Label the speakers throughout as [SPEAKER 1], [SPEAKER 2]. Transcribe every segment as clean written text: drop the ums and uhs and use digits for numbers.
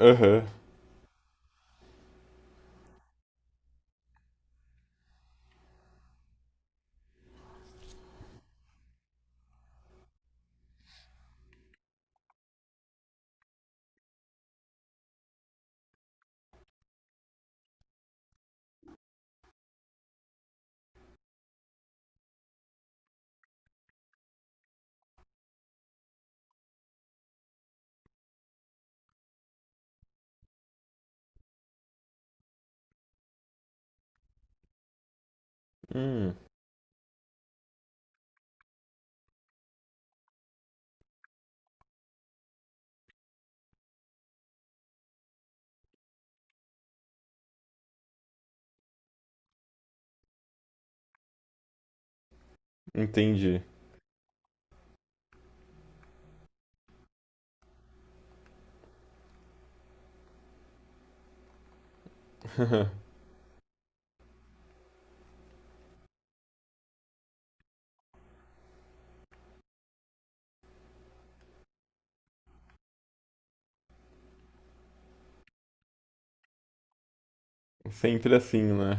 [SPEAKER 1] Aham. Hum, entendi. Sempre assim, né?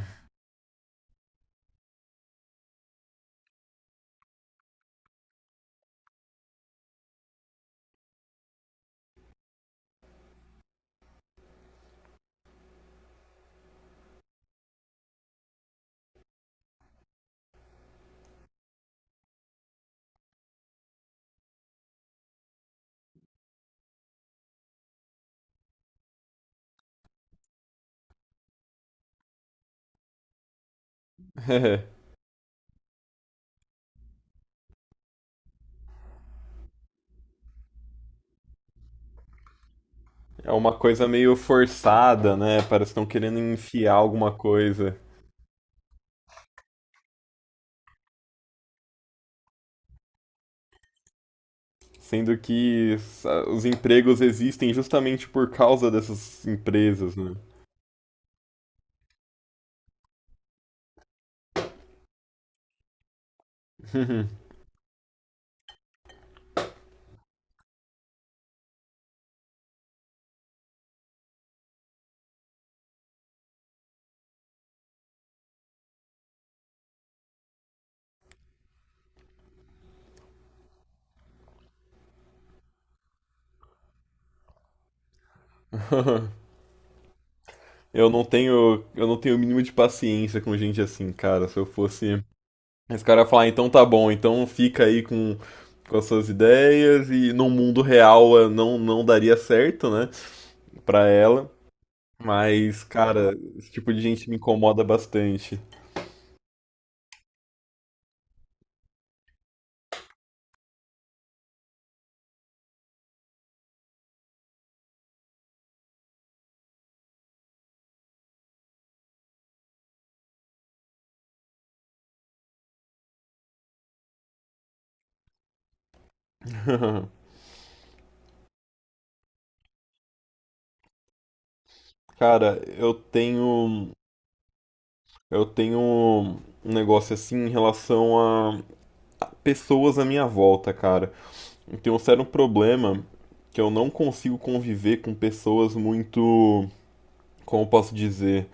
[SPEAKER 1] É uma coisa meio forçada, né? Parece que estão querendo enfiar alguma coisa. Sendo que os empregos existem justamente por causa dessas empresas, né? Eu não tenho o mínimo de paciência com gente assim, cara. Se eu fosse. Esse cara ia falar: "Ah, então tá bom, então fica aí com as suas ideias e no mundo real não, não daria certo, né? Pra ela." Mas, cara, esse tipo de gente me incomoda bastante. Cara, eu tenho um negócio assim em relação a a pessoas à minha volta, cara. Eu tenho um sério problema que eu não consigo conviver com pessoas muito, como eu posso dizer,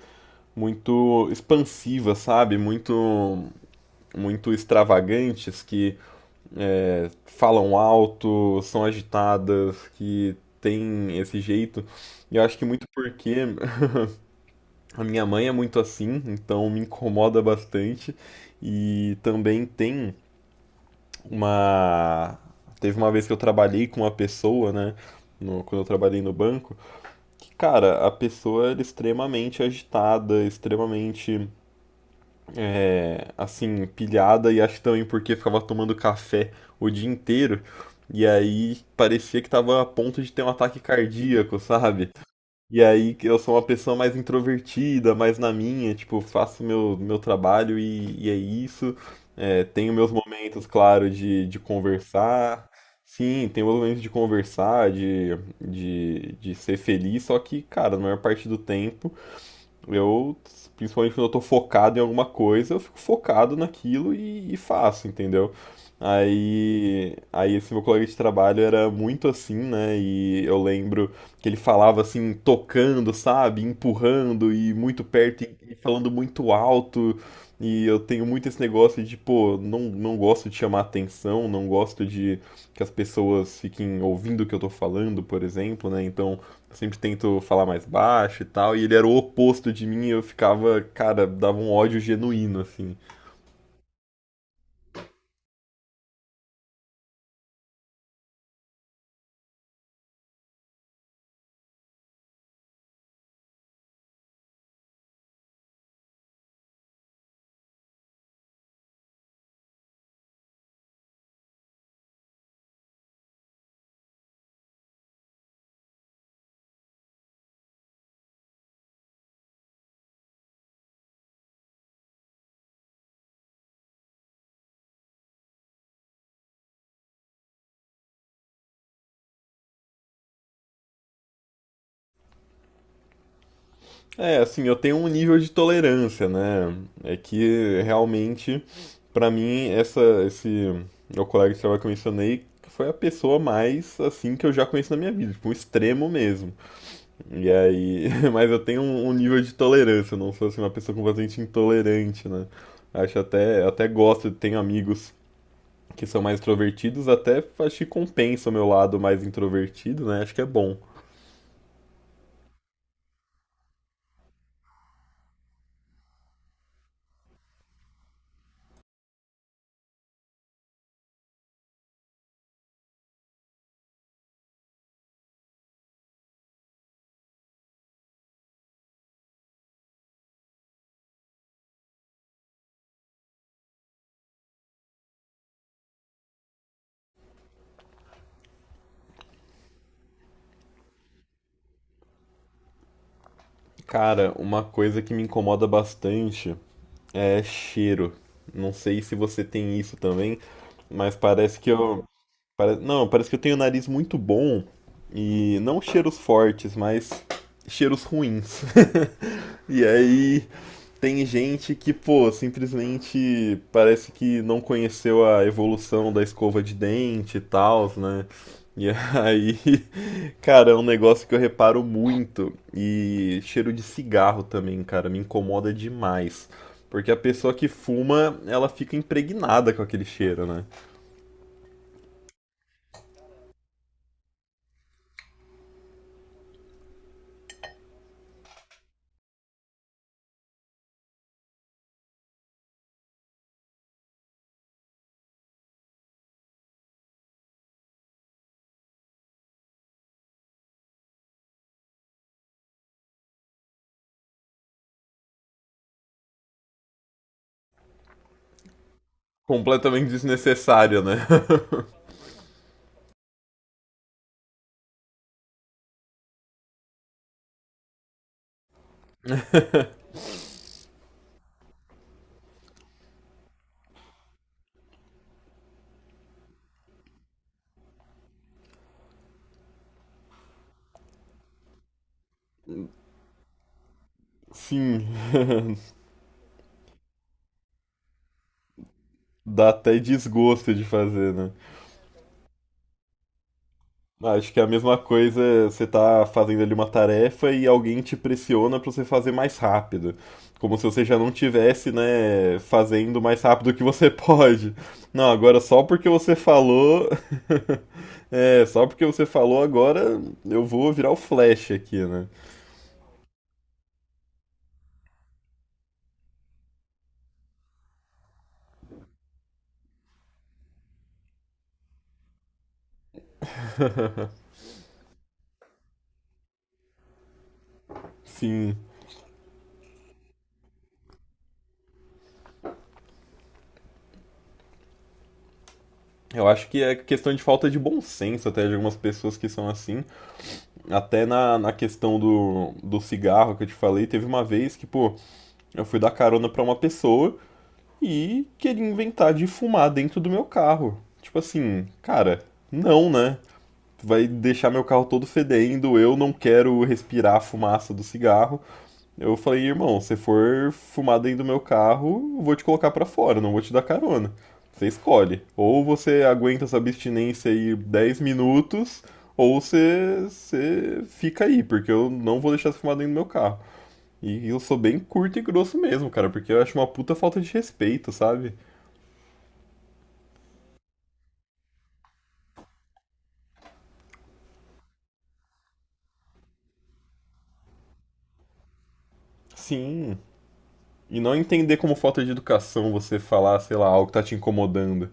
[SPEAKER 1] muito expansivas, sabe? Muito muito extravagantes, que falam alto, são agitadas, que tem esse jeito. E eu acho que muito porque a minha mãe é muito assim, então me incomoda bastante. E também tem uma. Teve uma vez que eu trabalhei com uma pessoa, né? Quando eu trabalhei no banco, que, cara, a pessoa era extremamente agitada, extremamente assim, pilhada, e acho também porque ficava tomando café o dia inteiro. E aí parecia que tava a ponto de ter um ataque cardíaco, sabe? E aí que eu sou uma pessoa mais introvertida, mais na minha, tipo, faço meu trabalho e é isso. É, tenho meus momentos, claro, de conversar. Sim, tenho meus momentos de conversar, de ser feliz, só que, cara, na maior parte do tempo. Eu, principalmente quando eu tô focado em alguma coisa, eu fico focado naquilo e faço, entendeu? Aí, esse meu colega de trabalho era muito assim, né? E eu lembro que ele falava assim, tocando, sabe? Empurrando e muito perto e falando muito alto. E eu tenho muito esse negócio de, pô, não, não gosto de chamar atenção, não gosto de que as pessoas fiquem ouvindo o que eu tô falando, por exemplo, né? Então, eu sempre tento falar mais baixo e tal, e ele era o oposto de mim, e eu ficava, cara, dava um ódio genuíno, assim. É, assim, eu tenho um nível de tolerância, né? É que realmente, pra mim, essa, esse meu colega de trabalho que eu mencionei foi a pessoa mais, assim, que eu já conheço na minha vida, tipo, um extremo mesmo. E aí, mas eu tenho um, um nível de tolerância, eu não sou, assim, uma pessoa completamente intolerante, né? Acho até, até gosto, tenho amigos que são mais extrovertidos, até acho que compensa o meu lado mais introvertido, né? Acho que é bom. Cara, uma coisa que me incomoda bastante é cheiro. Não sei se você tem isso também, mas parece que eu. Não, parece que eu tenho o nariz muito bom e não cheiros fortes, mas cheiros ruins. E aí tem gente que, pô, simplesmente parece que não conheceu a evolução da escova de dente e tal, né? E aí, cara, é um negócio que eu reparo muito. E cheiro de cigarro também, cara, me incomoda demais. Porque a pessoa que fuma, ela fica impregnada com aquele cheiro, né? Completamente desnecessário, né? Sim, dá até desgosto de fazer, né? Acho que é a mesma coisa, você tá fazendo ali uma tarefa e alguém te pressiona pra você fazer mais rápido. Como se você já não tivesse, né, fazendo mais rápido que você pode. Não, agora só porque você falou. É, só porque você falou agora eu vou virar o Flash aqui, né? Sim. Eu acho que é questão de falta de bom senso até de algumas pessoas que são assim. Até na, na questão do, do cigarro que eu te falei, teve uma vez que, pô, eu fui dar carona pra uma pessoa e queria inventar de fumar dentro do meu carro. Tipo assim, cara, não, né? Vai deixar meu carro todo fedendo, eu não quero respirar a fumaça do cigarro. Eu falei: irmão, se for fumar dentro do meu carro, eu vou te colocar pra fora, não vou te dar carona. Você escolhe. Ou você aguenta essa abstinência aí 10 minutos, ou você, você fica aí, porque eu não vou deixar você fumar dentro do meu carro. E eu sou bem curto e grosso mesmo, cara, porque eu acho uma puta falta de respeito, sabe? Sim. E não entender como falta de educação você falar, sei lá, algo que tá te incomodando.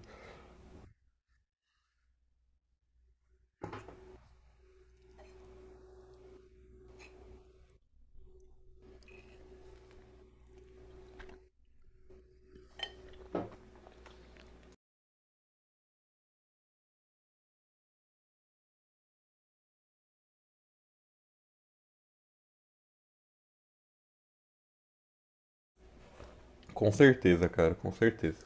[SPEAKER 1] Com certeza, cara, com certeza.